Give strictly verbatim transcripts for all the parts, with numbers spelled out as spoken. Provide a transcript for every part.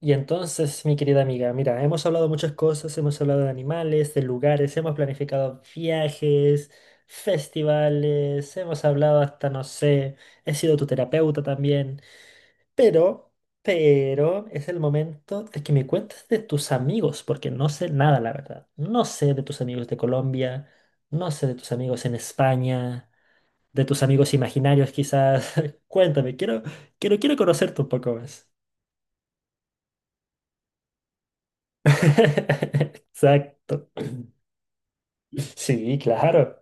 Y entonces, mi querida amiga, mira, hemos hablado muchas cosas, hemos hablado de animales, de lugares, hemos planificado viajes, festivales, hemos hablado hasta, no sé, he sido tu terapeuta también, pero, pero es el momento de que me cuentes de tus amigos, porque no sé nada, la verdad. No sé de tus amigos de Colombia, no sé de tus amigos en España, de tus amigos imaginarios quizás. Cuéntame, quiero, quiero, quiero conocerte un poco más. Exacto. Sí, claro,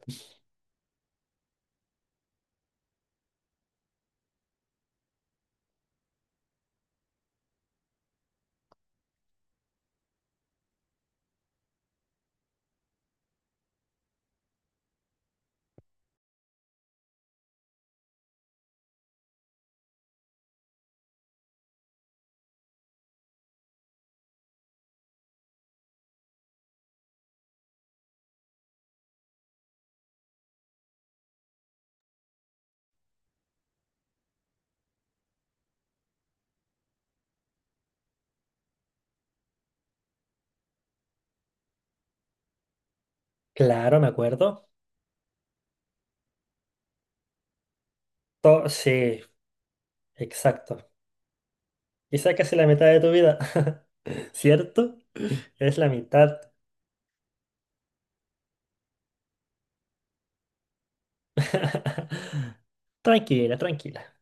claro, me acuerdo. To- sí, exacto. Y quizá casi la mitad de tu vida, ¿cierto? Es la mitad. Tranquila, tranquila.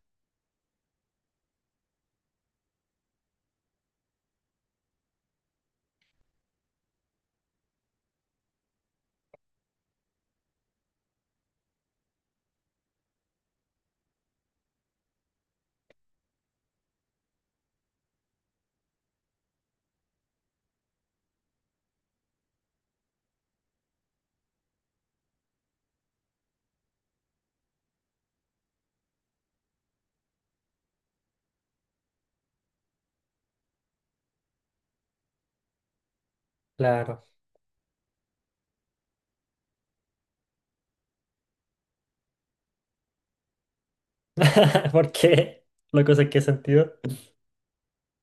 Claro. ¿Por qué? ¿Locos en qué sentido?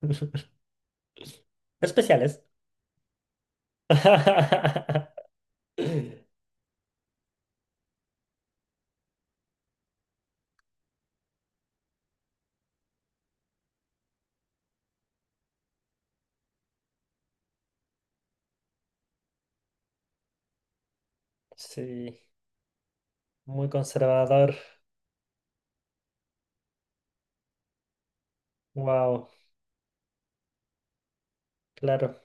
Especiales. Sí, muy conservador. Wow, claro.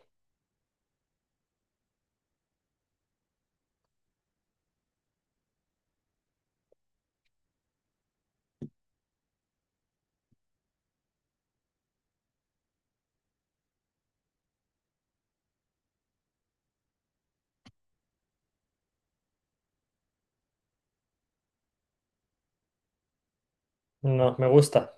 No, me gusta.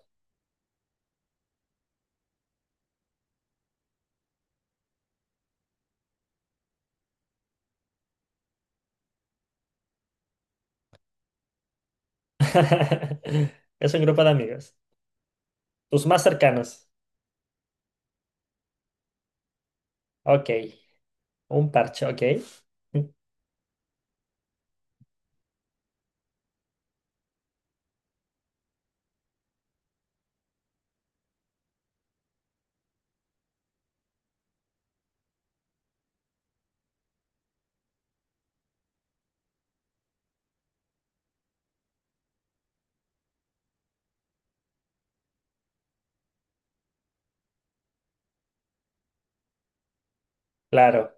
Es un grupo de amigos. Tus más cercanos. Ok. Un parche, ok. Mm, claro.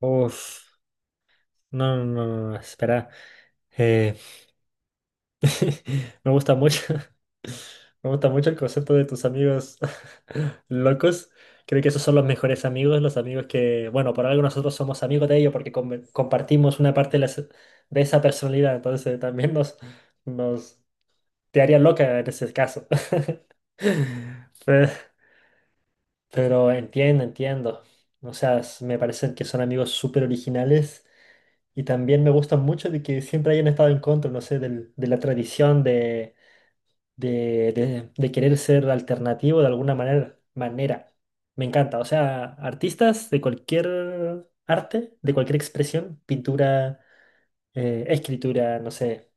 Uf, no, no, no, no, no, espera. Eh, me gusta mucho. Me gusta mucho el concepto de tus amigos locos. Creo que esos son los mejores amigos, los amigos que, bueno, por algo nosotros somos amigos de ellos porque com- compartimos una parte de, las- de esa personalidad, entonces también nos, nos te haría loca en ese caso. Pero- Pero entiendo, entiendo. O sea, s- me parecen que son amigos súper originales y también me gustan mucho de que siempre hayan estado en contra, no sé, del- de la tradición de, de, de- de querer ser alternativo de alguna manera, manera. Me encanta. O sea, artistas de cualquier arte, de cualquier expresión, pintura, eh, escritura, no sé,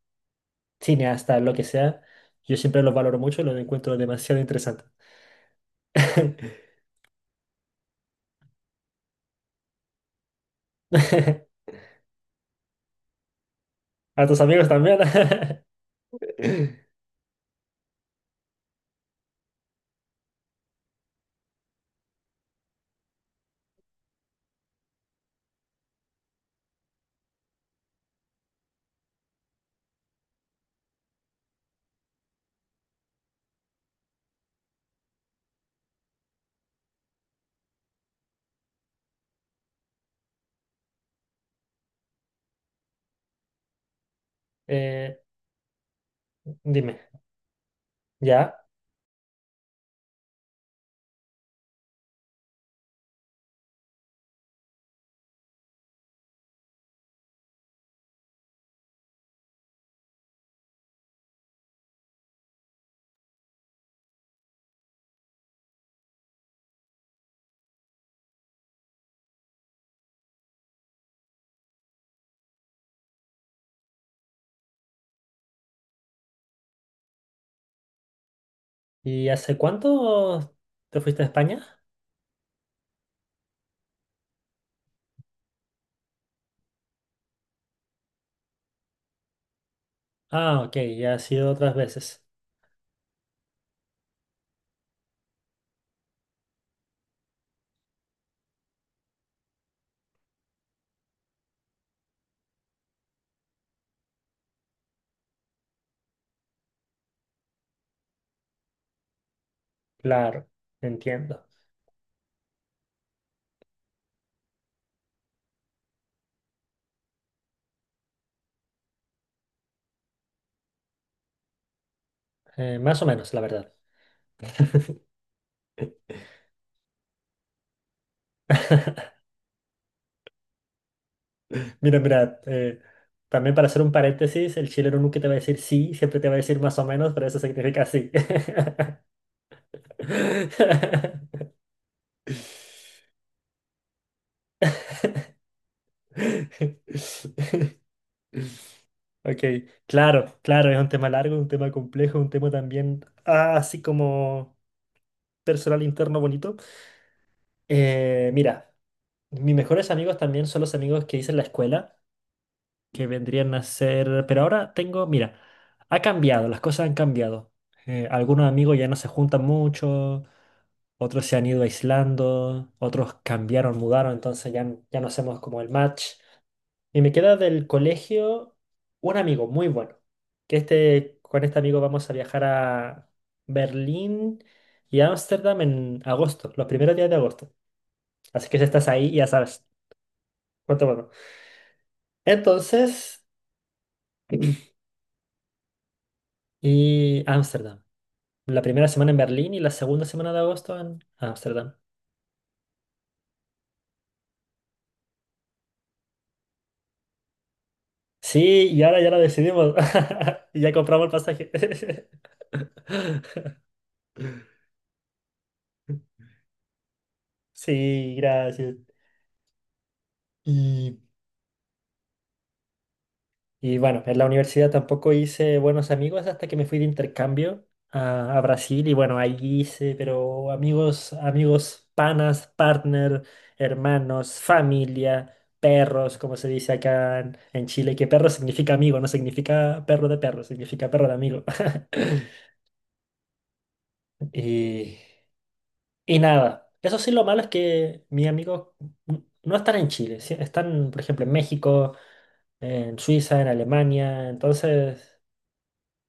cineasta, lo que sea, yo siempre los valoro mucho y los encuentro demasiado interesantes. A tus amigos también. Eh, dime, ¿ya? ¿Y hace cuánto te fuiste a España? Ah, ok, ya has ido otras veces. Claro, entiendo. Eh, más o menos, la verdad. Mira, mira, eh, también para hacer un paréntesis, el chileno nunca te va a decir sí, siempre te va a decir más o menos, pero eso significa sí. Ok, claro, claro, es un tema largo, un tema complejo, un tema también, ah, así como personal interno bonito. Eh, mira, mis mejores amigos también son los amigos que hice en la escuela, que vendrían a ser... Pero ahora tengo, mira, ha cambiado, las cosas han cambiado. Eh, algunos amigos ya no se juntan mucho, otros se han ido aislando, otros cambiaron, mudaron, entonces ya, n- ya no hacemos como el match. Y me queda del colegio un amigo muy bueno, que este, con este amigo vamos a viajar a Berlín y Ámsterdam en agosto, los primeros días de agosto. Así que si estás ahí, ya sabes. Cuatro cuatro. Entonces, y Ámsterdam. La primera semana en Berlín y la segunda semana de agosto en Ámsterdam. Sí, y ahora ya lo decidimos. Y ya compramos el pasaje. Sí, gracias. Y Y bueno, en la universidad tampoco hice buenos amigos hasta que me fui de intercambio a, a Brasil y bueno, ahí hice, pero amigos, amigos, panas, partner, hermanos, familia, perros, como se dice acá en, en Chile, que perro significa amigo, no significa perro de perro, significa perro de amigo. Y, y nada, eso sí lo malo es que mis amigos n- no están en Chile, sí, están, por ejemplo, en México, en Suiza, en Alemania, entonces...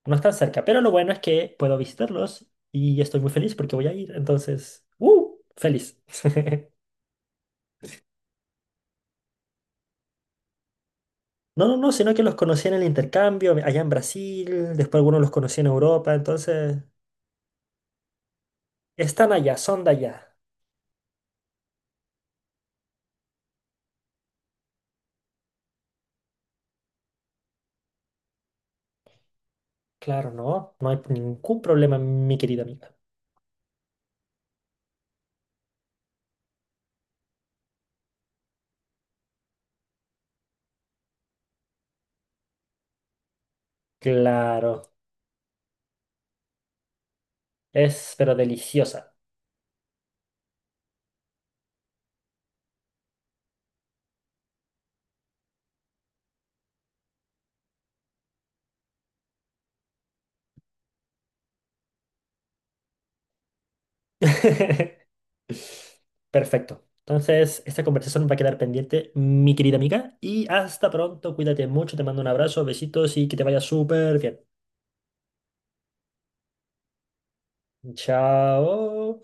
No están cerca, pero lo bueno es que puedo visitarlos y estoy muy feliz porque voy a ir. Entonces, ¡uh! Feliz. No, no, no, sino que los conocí en el intercambio allá en Brasil, después algunos los conocí en Europa, entonces están allá, son de allá. Claro, no, no hay ningún problema, mi querida amiga. Claro, es pero deliciosa. Perfecto. Entonces, esta conversación va a quedar pendiente, mi querida amiga, y hasta pronto, cuídate mucho, te mando un abrazo, besitos y que te vaya súper bien. Chao.